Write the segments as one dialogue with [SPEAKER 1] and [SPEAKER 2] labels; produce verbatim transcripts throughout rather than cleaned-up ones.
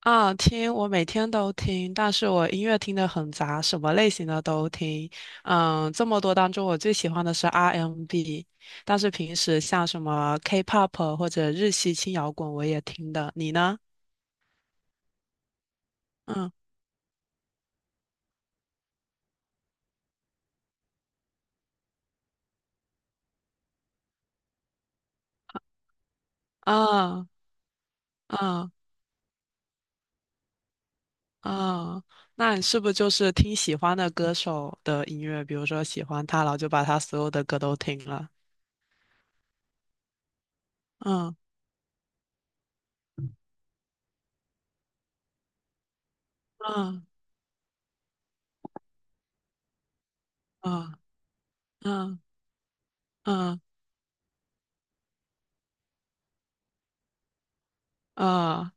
[SPEAKER 1] 啊，听，我每天都听，但是我音乐听得很杂，什么类型的都听。嗯，这么多当中，我最喜欢的是 R and B，但是平时像什么 K-pop 或者日系轻摇滚我也听的。你呢？嗯，啊，啊，啊，那你是不是就是听喜欢的歌手的音乐，比如说喜欢他，然后就把他所有的歌都听了？嗯嗯嗯嗯嗯嗯。啊，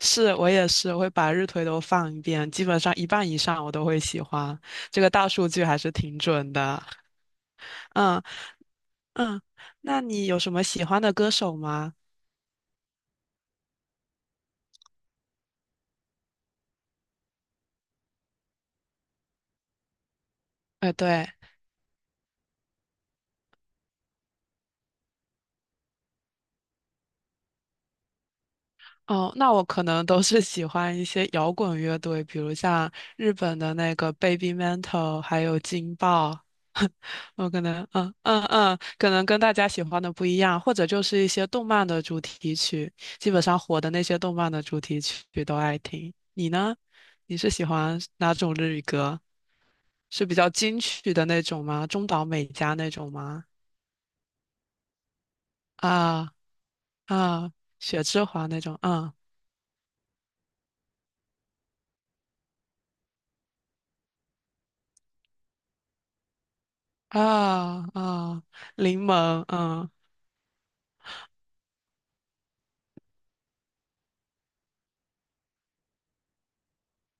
[SPEAKER 1] 是我也是，我会把日推都放一遍，基本上一半以上我都会喜欢。这个大数据还是挺准的。嗯嗯，那你有什么喜欢的歌手吗？哎，对。哦，那我可能都是喜欢一些摇滚乐队，比如像日本的那个 Baby Metal，还有劲爆。我可能，嗯嗯嗯，可能跟大家喜欢的不一样，或者就是一些动漫的主题曲，基本上火的那些动漫的主题曲都爱听。你呢？你是喜欢哪种日语歌？是比较金曲的那种吗？中岛美嘉那种吗？啊啊，雪之华那种，嗯啊啊，柠檬，嗯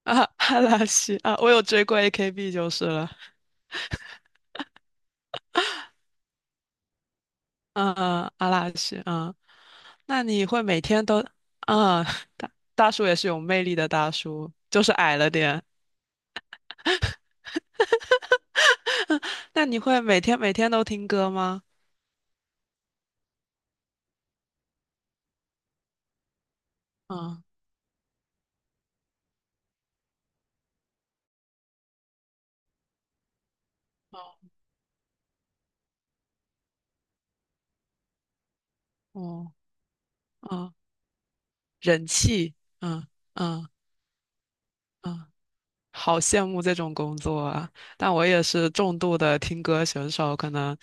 [SPEAKER 1] 啊，阿拉西啊，我有追过 A K B 就是了。嗯嗯，阿拉西，嗯，那你会每天都，嗯，大大叔也是有魅力的大叔，就是矮了点。那你会每天每天都听歌吗？嗯，哦，哦，哦，人气，嗯嗯嗯。好羡慕这种工作啊！但我也是重度的听歌选手，可能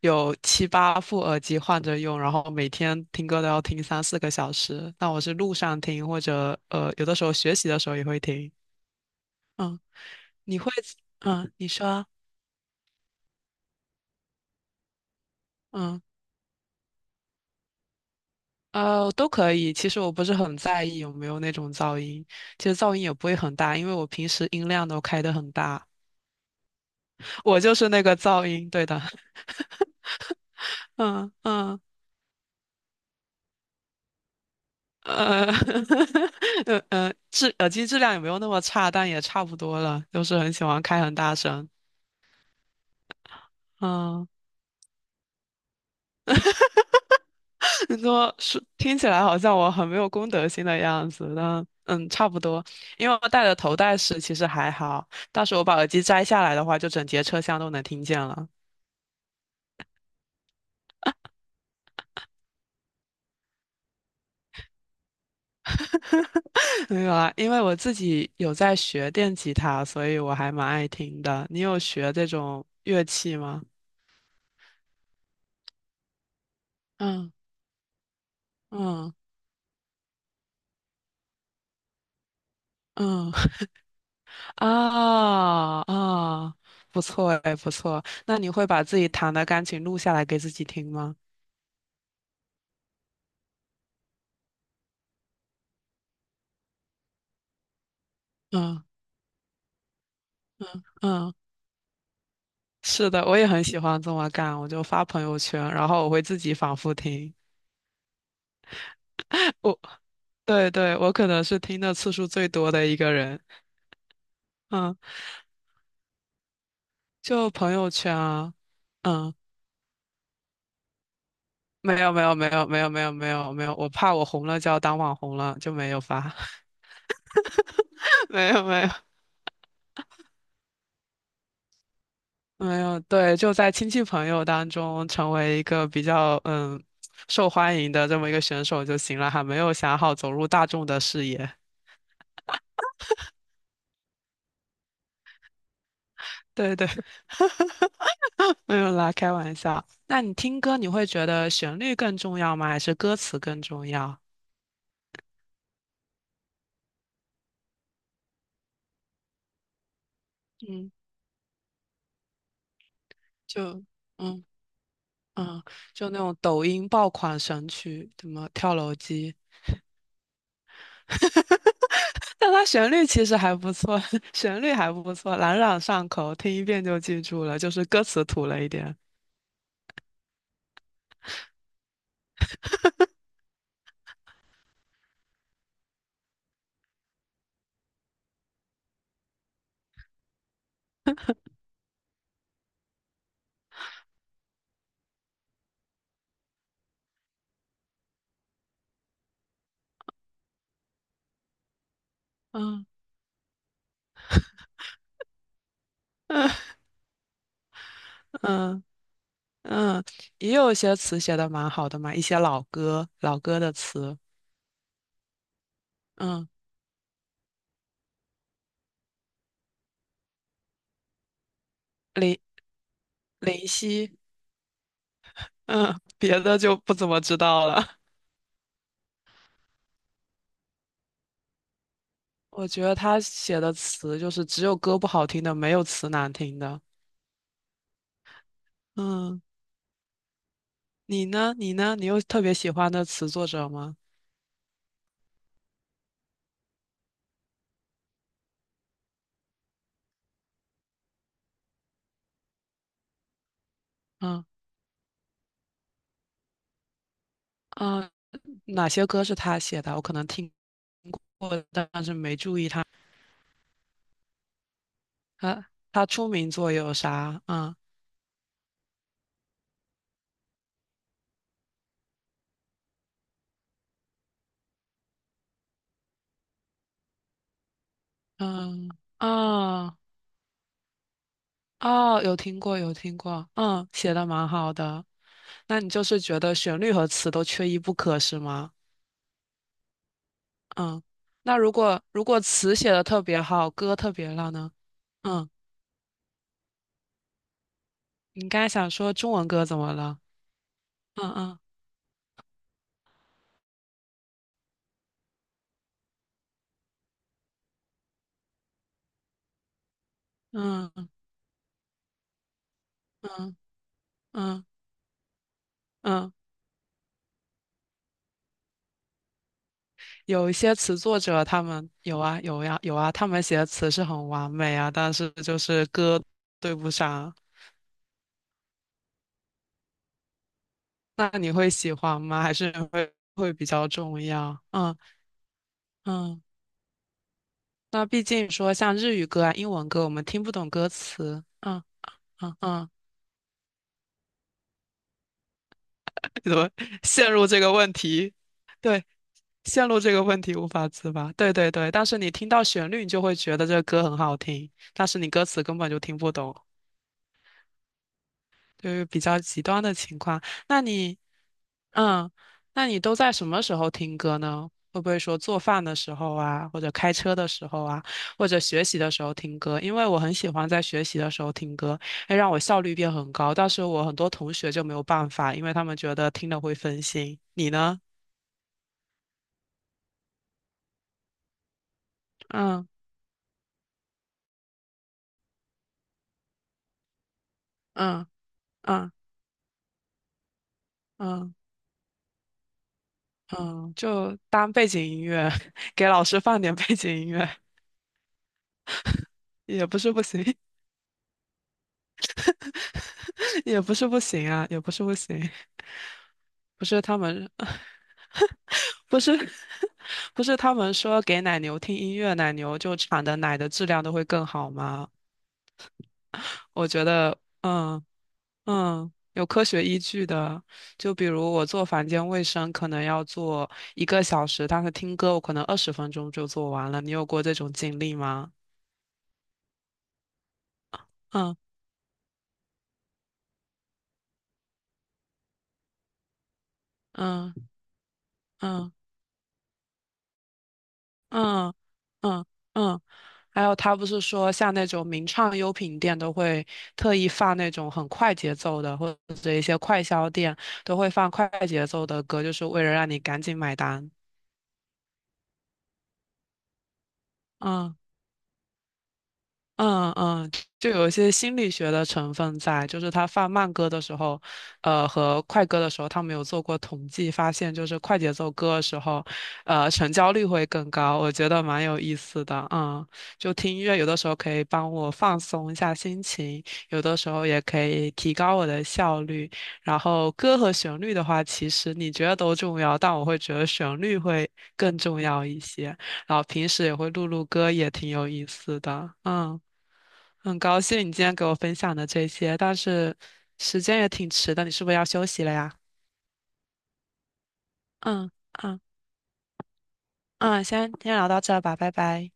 [SPEAKER 1] 有七八副耳机换着用，然后每天听歌都要听三四个小时。那我是路上听，或者呃，有的时候学习的时候也会听。嗯，你会，嗯，你说，嗯，呃，都可以。其实我不是很在意有没有那种噪音，其实噪音也不会很大，因为我平时音量都开得很大，我就是那个噪音，对的。嗯嗯。呃，呃呃，质耳机质量也没有那么差，但也差不多了，就是很喜欢开很大声。嗯，你说是听起来好像我很没有公德心的样子，但嗯，差不多。因为我戴的头戴式其实还好，到时候我把耳机摘下来的话，就整节车厢都能听见了。没有啊，因为我自己有在学电吉他，所以我还蛮爱听的。你有学这种乐器吗？嗯嗯嗯。啊啊，不错哎，不错。那你会把自己弹的钢琴录下来给自己听吗？嗯嗯，是的，我也很喜欢这么干，我就发朋友圈，然后我会自己反复听。我对对，我可能是听的次数最多的一个人。嗯，就朋友圈啊，嗯，没有没有没有没有没有没有没有，我怕我红了就要当网红了，就没有发，没有没有。没有，对，就在亲戚朋友当中成为一个比较嗯受欢迎的这么一个选手就行了，还没有想好走入大众的视野。对对，没有啦，开玩笑。那你听歌，你会觉得旋律更重要吗？还是歌词更重要？嗯，就嗯嗯，就那种抖音爆款神曲，什么跳楼机，但它旋律其实还不错，旋律还不错，朗朗上口，听一遍就记住了，就是歌词土了一点。嗯嗯 嗯嗯，也有一些词写的蛮好的嘛，一些老歌、老歌的词，嗯，林林夕，嗯，别的就不怎么知道了。我觉得他写的词就是只有歌不好听的，没有词难听的。嗯，你呢？你呢？你有特别喜欢的词作者吗？嗯嗯，哪些歌是他写的？我可能听他他出名作有啥？嗯嗯啊。哦哦，有听过，有听过，嗯，写的蛮好的。那你就是觉得旋律和词都缺一不可，是吗？嗯，那如果如果词写的特别好，歌特别烂呢？嗯，你刚才想说中文歌怎么了？嗯嗯嗯嗯嗯嗯，有一些词作者他们有啊有呀有啊，他们写的词是很完美啊，但是就是歌对不上。那你会喜欢吗？还是会会比较重要？嗯嗯。那毕竟说像日语歌啊、英文歌，我们听不懂歌词。嗯嗯嗯，怎么陷入这个问题？对，陷入这个问题无法自拔。对对对，但是你听到旋律，你就会觉得这个歌很好听，但是你歌词根本就听不懂。就是比较极端的情况。那你，嗯，那你都在什么时候听歌呢？会不会说做饭的时候啊，或者开车的时候啊，或者学习的时候听歌？因为我很喜欢在学习的时候听歌，会让我效率变很高。但是我很多同学就没有办法，因为他们觉得听了会分心。你呢？嗯嗯嗯嗯嗯，就当背景音乐，给老师放点背景音乐，也不是不行，也不是不行啊，也不是不行。不是他们，不是 不是他们说给奶牛听音乐，奶牛就产的奶的质量都会更好吗？我觉得，嗯嗯，有科学依据的。就比如我做房间卫生，可能要做一个小时，但是听歌我可能二十分钟就做完了。你有过这种经历吗？嗯嗯嗯嗯嗯嗯。还有他不是说像那种名创优品店都会特意放那种很快节奏的，或者一些快销店都会放快节奏的歌，就是为了让你赶紧买单。嗯嗯嗯，就有一些心理学的成分在，就是他放慢歌的时候，呃，和快歌的时候，他没有做过统计，发现就是快节奏歌的时候，呃，成交率会更高，我觉得蛮有意思的，嗯，就听音乐有的时候可以帮我放松一下心情，有的时候也可以提高我的效率，然后歌和旋律的话，其实你觉得都重要，但我会觉得旋律会更重要一些，然后平时也会录录歌，也挺有意思的，嗯。很高兴你今天给我分享的这些，但是时间也挺迟的，你是不是要休息了呀？嗯嗯嗯，先先聊到这儿吧，拜拜。